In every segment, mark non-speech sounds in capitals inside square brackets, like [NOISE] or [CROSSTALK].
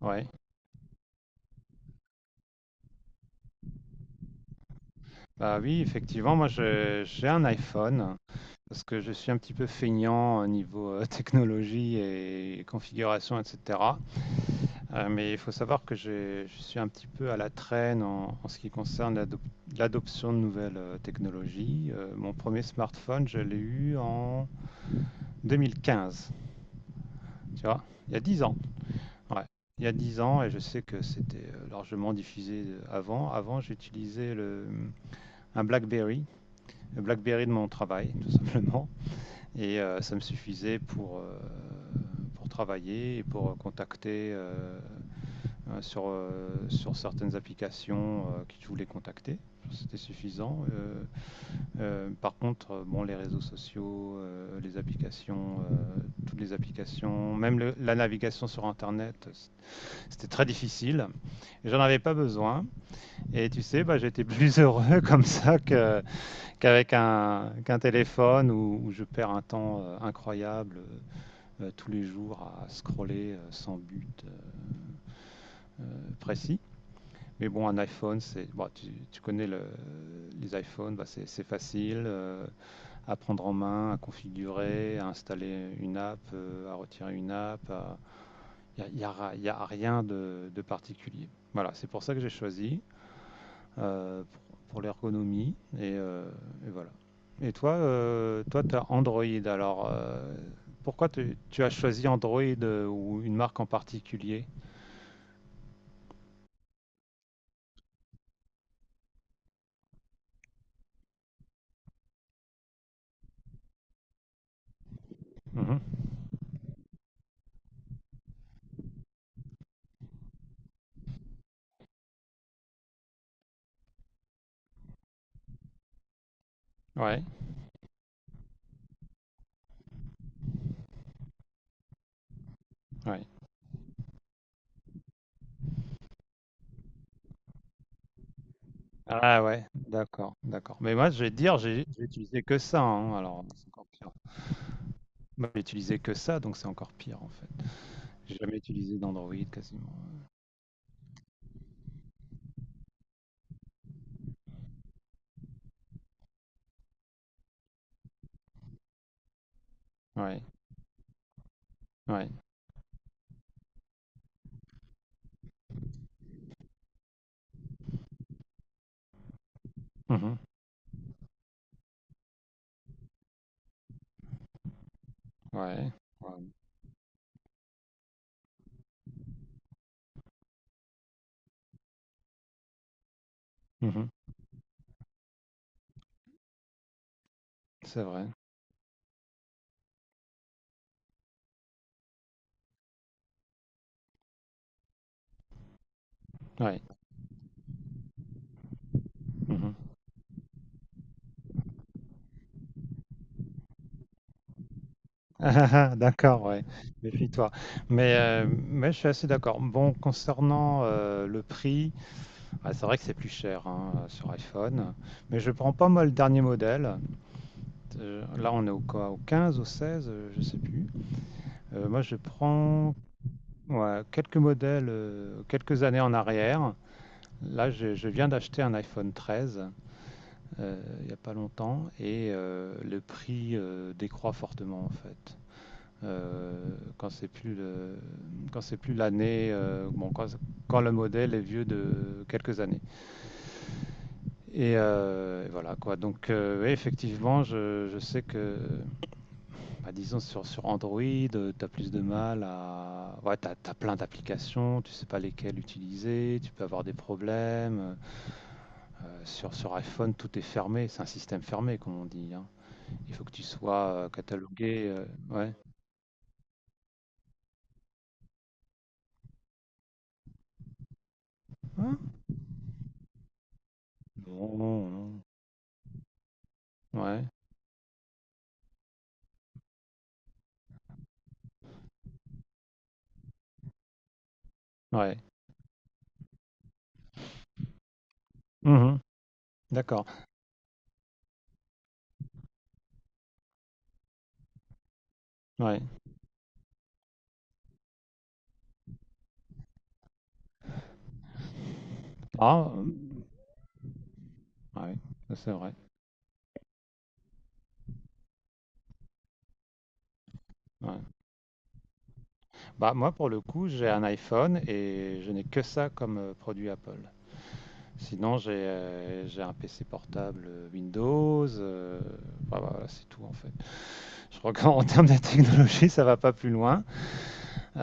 Ouais. Bah oui, effectivement, j'ai un iPhone parce que je suis un petit peu feignant au niveau [LAUGHS] technologie et configuration, etc. Mais il faut savoir que je suis un petit peu à la traîne en ce qui concerne l'adoption de nouvelles technologies. Mon premier smartphone, je l'ai eu en 2015, tu vois, il y a 10 ans. Ouais. Il y a 10 ans et je sais que c'était largement diffusé avant. Avant, un BlackBerry de mon travail, [LAUGHS] tout simplement. Et ça me suffisait pour travailler et pour contacter sur certaines applications que je voulais contacter. C'était suffisant. Par contre, bon, les réseaux sociaux, les applications, toutes les applications, même la navigation sur Internet, c'était très difficile. J'en avais pas besoin. Et tu sais, bah, j'étais plus [LAUGHS] heureux comme ça qu'avec qu'un téléphone où je perds un temps incroyable tous les jours à scroller sans but précis. Mais bon, un iPhone, bon, tu connais les iPhones, bah, c'est facile à prendre en main, à configurer, à installer une app, à retirer une app. Il n'y a rien de particulier. Voilà, c'est pour ça que j'ai choisi. euh, pour, pour l'ergonomie. Et voilà. Et toi, toi, tu as Android. Alors, pourquoi tu as choisi Android ou une marque en particulier? Mhm. Ouais, ouais. Ah ouais, d'accord, d'accord. Mais moi, je vais te dire, j'ai utilisé que ça, hein, alors c'est encore pire. Moi, j'ai utilisé que ça, donc c'est encore pire en fait. J'ai jamais utilisé d'Android quasiment. Ouais, ouais. Mhm. Ouais, ouais. Mhm. C'est vrai. Ouais. Mhm. Ah, ah, ah, d'accord, ouais. Méfie-toi. Mais je suis assez d'accord. Bon, concernant le prix, ah, c'est vrai que c'est plus cher hein, sur iPhone. Mais je prends pas moi le dernier modèle. Là, on est au quoi? Au 15, au 16, je sais plus. Moi, je prends ouais, quelques modèles, quelques années en arrière. Là, je viens d'acheter un iPhone 13 il n'y a pas longtemps et le prix décroît fortement en fait. euh, quand c'est plus le- Quand c'est plus l'année, quand le modèle est vieux de quelques années. Et voilà quoi. Donc ouais, effectivement, je sais que, bah, disons sur Android, tu as plus de mal à, ouais, t'as plein d'applications, tu sais pas lesquelles utiliser, tu peux avoir des problèmes. Sur iPhone, tout est fermé, c'est un système fermé comme on dit, hein. Il faut que tu sois catalogué. Ouais. Hein. non, non. Ouais. Ouais. Mmh. D'accord, ouais. Ah, mmh, ouais, ça, c'est vrai. Ouais. Bah, moi, pour le coup, j'ai un iPhone et je n'ai que ça comme, produit Apple. Sinon, j'ai un PC portable, Windows, bah, voilà, c'est tout, en fait. [LAUGHS] Je crois qu'en [LAUGHS] en termes de technologie, ça va pas plus loin. Heu,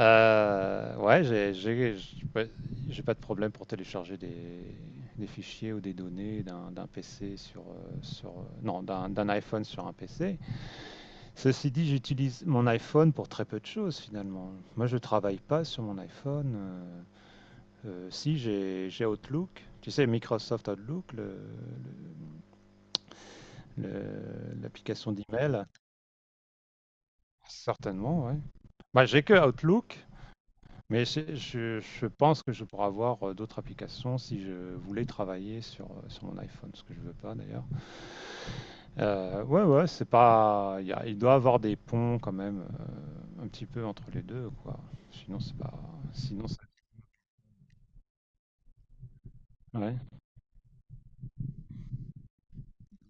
ouais, j'ai j'ai j ouais, j'ai pas de problème pour télécharger des fichiers ou des données d'un d'un PC sur, heu, sur, heu, non, d'un iPhone sur un PC. Ceci dit, j'utilise mon iPhone pour très peu de choses finalement. Moi, je travaille pas sur mon iPhone. Si j'ai Outlook, tu sais, Microsoft Outlook, l'application d'email, certainement, ouais. Bah, j'ai que Outlook, mais je pense que je pourrais avoir d'autres applications si je voulais travailler sur, sur mon iPhone, ce que je veux pas d'ailleurs. Ouais, ouais, c'est pas, Il y a- il doit y avoir des ponts quand même, un petit peu entre les deux, quoi. Sinon, c'est pas, sinon. Ouais.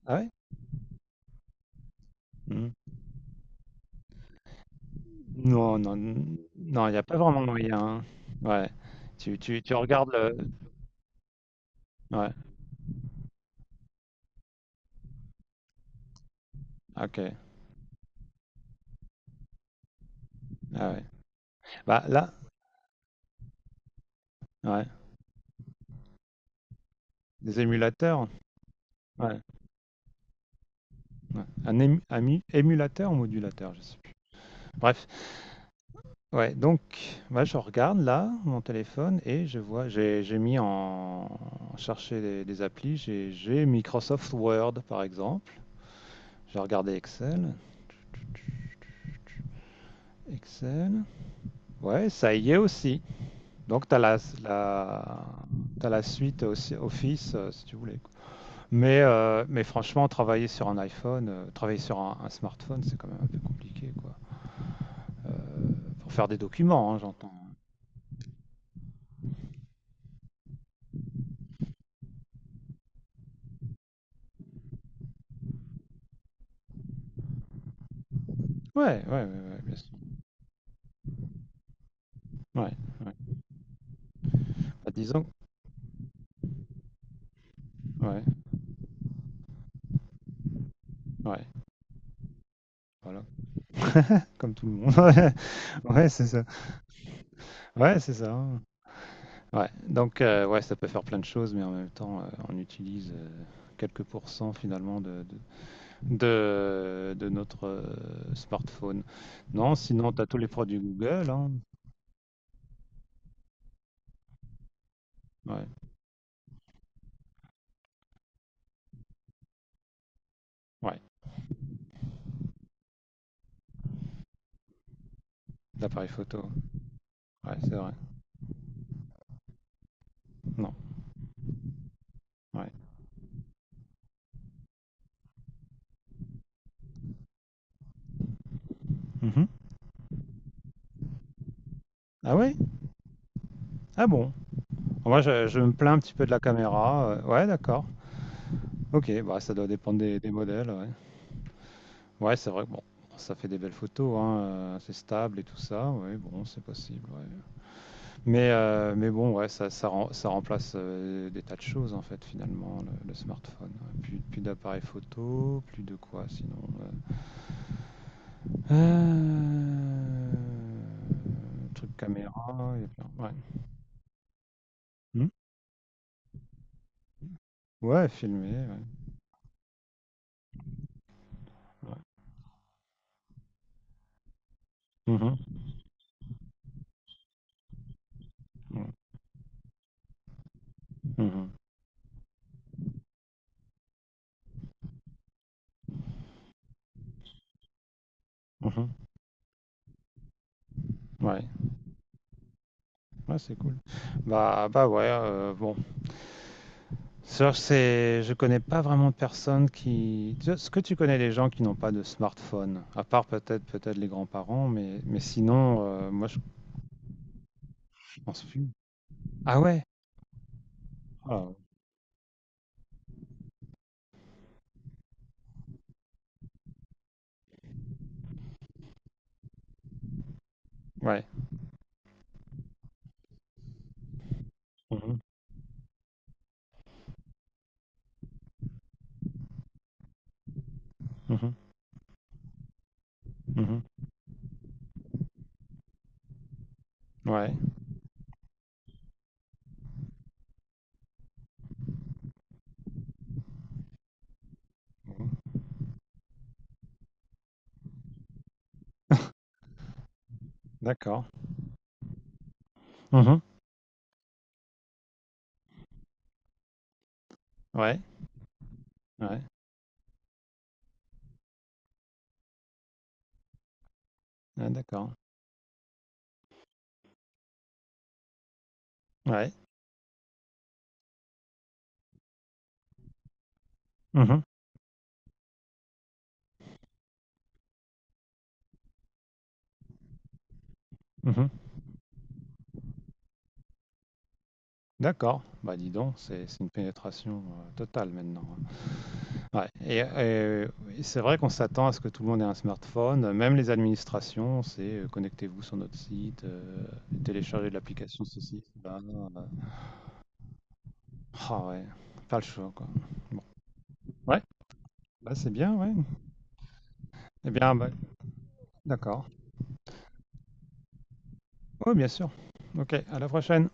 Ah ouais? Hmm. Non, non, non, il n'y a pas vraiment de moyen, hein. Ouais. Tu regardes le. Ouais, ok. Ah ouais. Bah là, ouais. Des émulateurs. Ouais. Ouais. Émulateur ou modulateur, je sais plus. Bref. Ouais, donc moi je regarde là mon téléphone et je vois, j'ai mis en chercher des applis, j'ai Microsoft Word par exemple. J'ai regardé Excel. Excel. Ouais, ça y est aussi. Donc, tu as la, la, t'as la suite aussi, Office, si tu voulais quoi. Mais franchement, travailler sur un iPhone, travailler sur un smartphone, c'est quand même un peu compliqué, quoi. Euh, pour faire des documents, hein, j'entends. Ouais, ouais, ouais, ouais, bien sûr. Ouais, ouais. Bah, disons, ouais, ouais. Voilà, comme tout le monde. [LAUGHS] Ouais, ouais, c'est ça. Ouais, c'est ça, hein. Ouais, donc, ouais, ça peut faire plein de choses, mais en même temps, on utilise quelques pourcents finalement de notre smartphone. Non, sinon, tu as tous les produits Google, hein. Ouais, ouais, l'appareil photo. Ouais, c'est vrai. Non, ouais. Mhm. Ah ouais? Ah bon? Moi, je me plains un petit peu de la caméra. Ouais, d'accord. Ok, bah, ça doit dépendre des modèles. Ouais, ouais c'est vrai que bon, ça fait des belles photos, hein, c'est stable et tout ça. Ouais, bon, c'est possible, ouais. Mais bon, ouais, ça remplace des tas de choses en fait finalement le smartphone. Ouais, plus, plus d'appareils photo, plus de quoi sinon. euh, euh, Truc caméra, et puis- ouais. Hmm. Ouais, filmer, ouais. Ouais. Mhm. Mhm. Mhm. Mhm. Ouais. Ouais, c'est cool. Bah bah ouais, bon. Ça, c'est, je connais pas vraiment de personnes qui. Tu- Est-ce que tu connais les gens qui n'ont pas de smartphone? À part peut-être les grands-parents, mais sinon, moi je pense plus. Ah ouais? Ah, ouais. Mhm, mhm, mhm. Ouais. Mhm. D'accord. Mhm. Ouais. Ouais. Ouais, d'accord. Ouais. Mhm, mhm. D'accord. Bah dis donc, c'est une pénétration totale maintenant, hein. Ouais, c'est vrai qu'on s'attend à ce que tout le monde ait un smartphone, même les administrations, c'est connectez-vous sur notre site, téléchargez l'application ceci, cela. Ah ouais, pas le choix quoi. Bon. Ouais, bah c'est bien, ouais. Eh bien, bah, d'accord. Oui, bien sûr. Ok, à la prochaine.